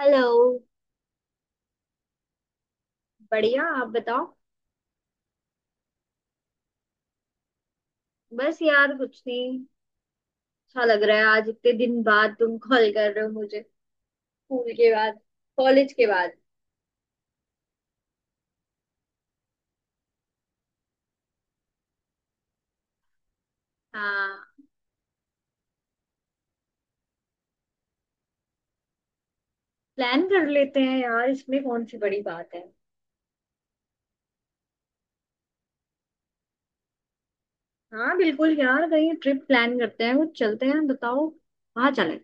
Hello. बढ़िया, आप बताओ। बस यार कुछ नहीं। अच्छा लग रहा है, आज इतने दिन बाद तुम कॉल कर रहे हो मुझे। स्कूल के बाद। कॉलेज के बाद। हाँ। प्लान कर लेते हैं यार, इसमें कौन सी बड़ी बात है। हाँ बिल्कुल यार, कहीं ट्रिप प्लान करते हैं, कुछ चलते हैं, बताओ कहाँ चले।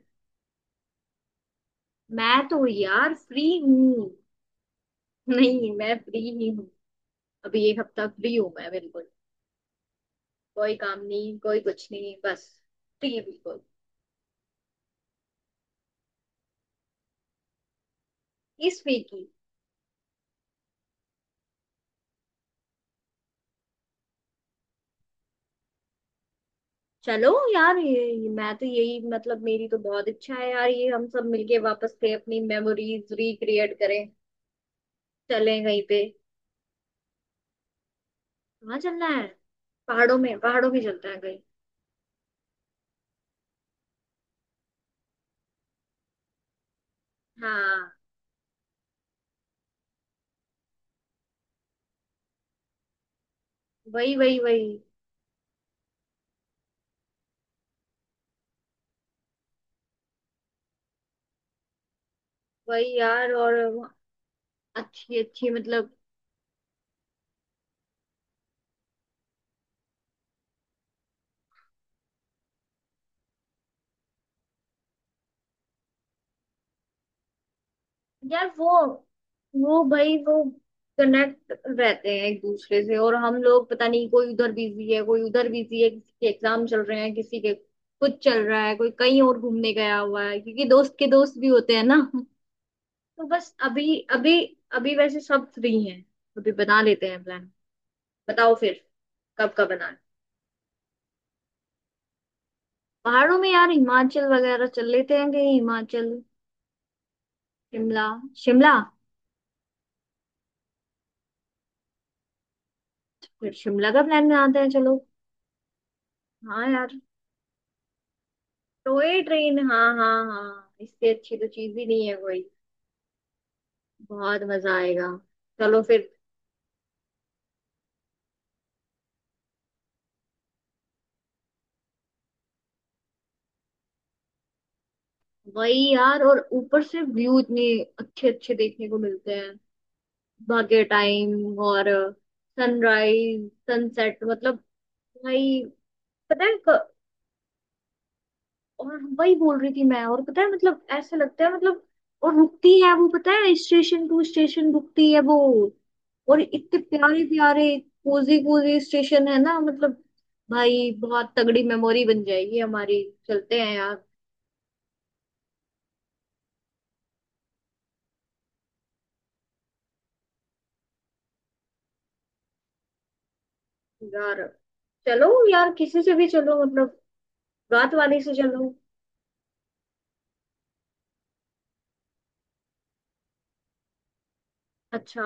मैं तो यार फ्री हूँ। नहीं, मैं फ्री ही हूँ। अभी एक हफ्ता फ्री हूँ मैं बिल्कुल। कोई काम नहीं, कोई कुछ नहीं, बस। फ्री बिल्कुल। इस वीक। चलो। यार ये मैं तो यही मतलब मेरी तो बहुत इच्छा है यार, ये हम सब मिलके वापस से अपनी मेमोरीज रिक्रिएट करें। चलें कहीं पे। कहाँ चलना है। पहाड़ों में, पहाड़ों में चलते हैं कहीं। हाँ। वही वही वही वही यार, और अच्छी अच्छी मतलब। यार वो भाई वो कनेक्ट रहते हैं एक दूसरे से, और हम लोग पता नहीं, कोई उधर बिजी है, कोई उधर बिजी है, किसी के एग्जाम चल रहे हैं, किसी के कुछ चल रहा है, कोई कहीं और घूमने गया हुआ है, क्योंकि दोस्त के दोस्त भी होते हैं ना। तो बस अभी अभी। अभी वैसे सब फ्री हैं। अभी बना लेते हैं प्लान। बताओ फिर। कब का बना। पहाड़ों में यार हिमाचल वगैरह चल लेते हैं कहीं, हिमाचल। शिमला। शिमला। फिर शिमला का प्लान बनाते हैं, चलो। हाँ यार। टॉय ट्रेन, हाँ हाँ हाँ, इससे अच्छी तो चीज ही नहीं है कोई। बहुत मजा आएगा। चलो फिर। वही यार, और ऊपर से व्यू इतने अच्छे अच्छे देखने को मिलते हैं। भाग्य टाइम और सनराइज सनसेट मतलब। भाई। पता है। और वही बोल रही थी मैं, और पता है मतलब ऐसा लगता है मतलब। और रुकती है वो, पता है स्टेशन टू स्टेशन रुकती है वो। और इतने प्यारे प्यारे कोजी कोजी स्टेशन है ना मतलब। भाई बहुत तगड़ी मेमोरी बन जाएगी हमारी। चलते हैं यार। यार चलो यार, किसी से भी चलो मतलब। रात वाले से चलो। अच्छा।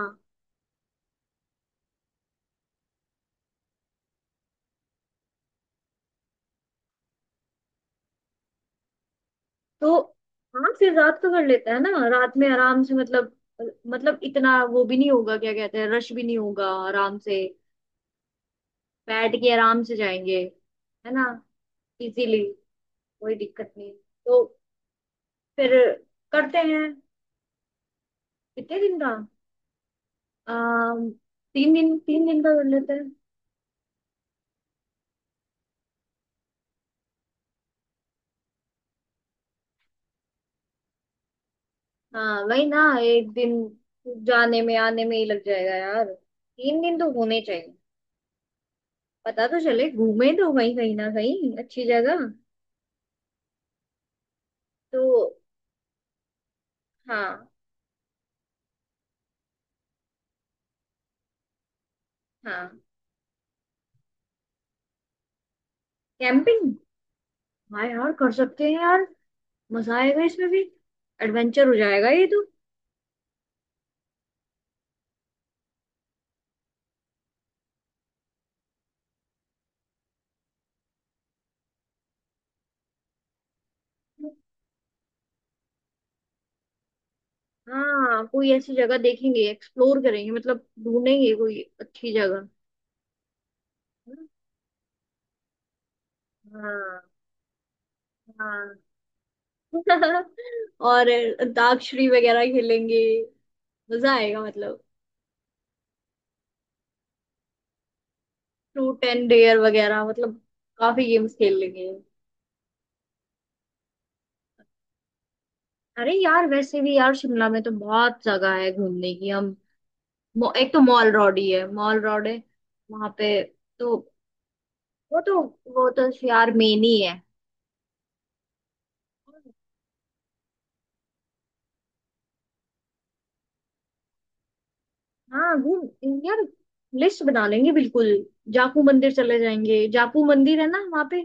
तो हाँ, फिर रात का कर लेते हैं ना, रात में आराम से मतलब। मतलब इतना वो भी नहीं होगा, क्या कहते हैं, रश भी नहीं होगा आराम से। बैठ के आराम से जाएंगे। है ना। इजीली। कोई दिक्कत नहीं। तो फिर करते हैं। कितने दिन का। अम, 3 दिन, 3 दिन का कर लेते हैं। हाँ वही ना, एक दिन जाने में आने में ही लग जाएगा यार, 3 दिन तो होने चाहिए। पता तो चले, घूमे तो वही कहीं ना कहीं अच्छी जगह। तो हाँ। हाँ कैंपिंग। हाँ यार, कर सकते हैं यार। मजा आएगा इसमें भी। एडवेंचर हो जाएगा ये तो। हाँ कोई ऐसी जगह देखेंगे, एक्सप्लोर करेंगे मतलब। ढूंढेंगे कोई अच्छी जगह। हाँ। हाँ। और अंताक्षरी वगैरह खेलेंगे। मजा आएगा मतलब। फ्रूट एंड डेयर वगैरह मतलब। काफी गेम्स खेल लेंगे। अरे यार, वैसे भी यार शिमला में तो बहुत जगह है घूमने की, हम एक तो मॉल रोड ही है, मॉल रोड है वहां पे। तो वो तो वो तो यार मेन ही है। हाँ गुड। यार लिस्ट बना लेंगे बिल्कुल। जापू मंदिर चले जाएंगे, जापू मंदिर है ना वहाँ पे।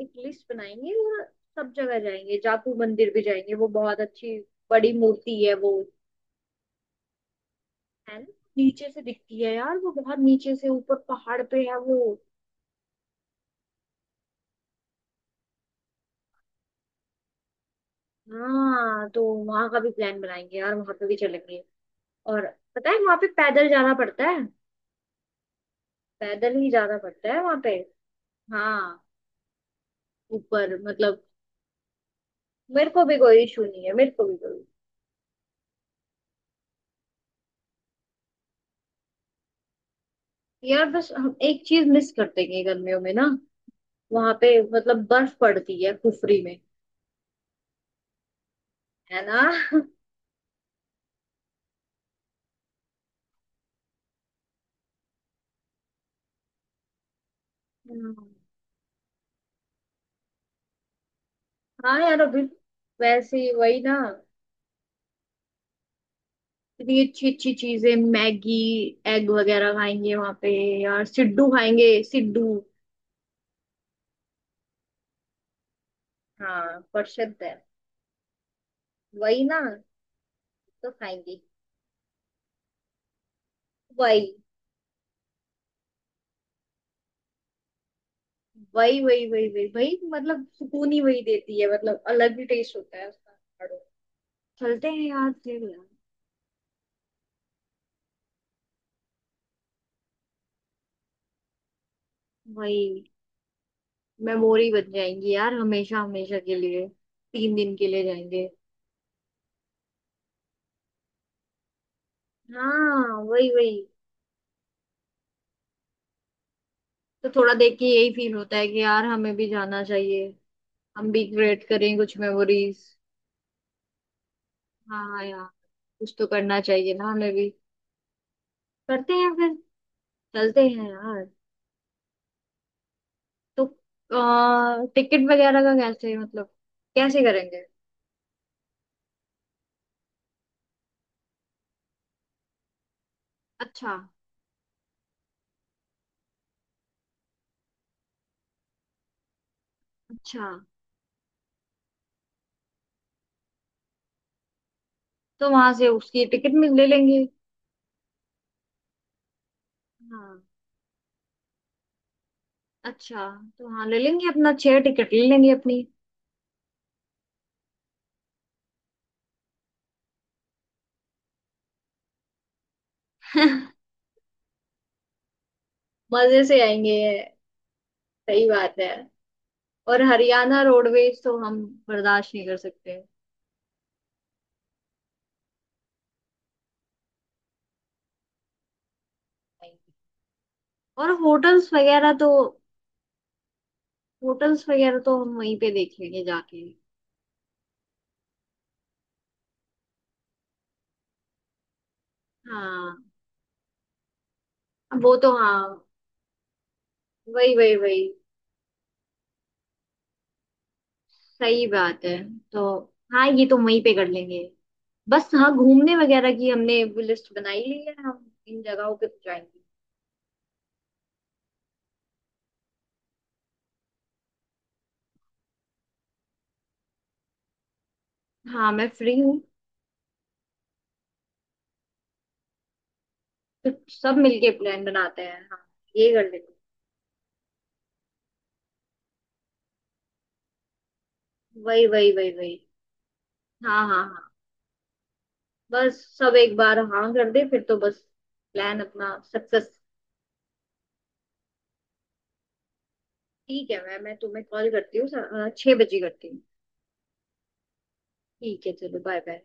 एक लिस्ट बनाएंगे, और सब जगह जाएंगे, जापू मंदिर भी जाएंगे, वो बहुत अच्छी बड़ी मूर्ति है वो। है ना। नीचे से दिखती है यार वो, बहुत नीचे से, ऊपर पहाड़ पे है वो। हाँ तो वहां का भी प्लान बनाएंगे यार, वहां पे भी चलेंगे। और पता है वहां पे पैदल जाना पड़ता है। पैदल ही जाना पड़ता है वहां पे। हाँ। ऊपर मतलब। मेरे को भी कोई इशू नहीं है, मेरे को भी कोई। यार बस हम एक चीज मिस करते हैं गर्मियों में ना, वहां पे मतलब बर्फ पड़ती है कुफरी में। है ना। हम्म। हाँ यार अभी। वैसे ही वही ना। इतनी अच्छी अच्छी चीजें, मैगी एग वगैरह खाएंगे वहां पे। यार सिड्डू खाएंगे सिड्डू। हाँ प्रसिद्ध है। वही ना, तो खाएंगे। वही वही वही वही वही वही मतलब सुकून ही वही देती है मतलब, अलग ही टेस्ट होता है उसका। चलते हैं यार फिर यार। वही मेमोरी बन जाएंगी यार हमेशा हमेशा के लिए। तीन दिन के लिए जाएंगे। हाँ वही वही। तो थोड़ा देख के यही फील होता है कि यार हमें भी जाना चाहिए। हम भी क्रिएट करें कुछ मेमोरीज। हाँ यार। कुछ तो करना चाहिए ना हमें भी। करते हैं फिर। चलते हैं यार। तो टिकट वगैरह का कैसे मतलब, कैसे करेंगे। अच्छा। अच्छा, तो वहां से उसकी टिकट में ले लेंगे। हाँ। अच्छा। तो हाँ ले लेंगे अपना, छह टिकट ले लेंगे अपनी। मजे से आएंगे ये। सही बात है। और हरियाणा रोडवेज तो हम बर्दाश्त नहीं कर सकते। और होटल्स वगैरह तो हम वहीं पे देख लेंगे जाके। हाँ। वो तो हाँ। वही वही वही। सही बात है। तो हाँ ये तो वहीं पे कर लेंगे। बस हाँ, घूमने वगैरह की हमने लिस्ट बनाई ली है, हम इन जगहों पे तो जाएंगे। हाँ मैं फ्री हूँ। तो सब मिलके प्लान बनाते हैं, हाँ ये कर लेते हैं। वही वही वही वही। हाँ हाँ हाँ। बस सब एक बार हाँ कर दे, फिर तो बस प्लान अपना सक्सेस। ठीक है, मैं तुम्हें कॉल करती हूँ, 6 बजे करती हूँ। ठीक है, चलो बाय बाय।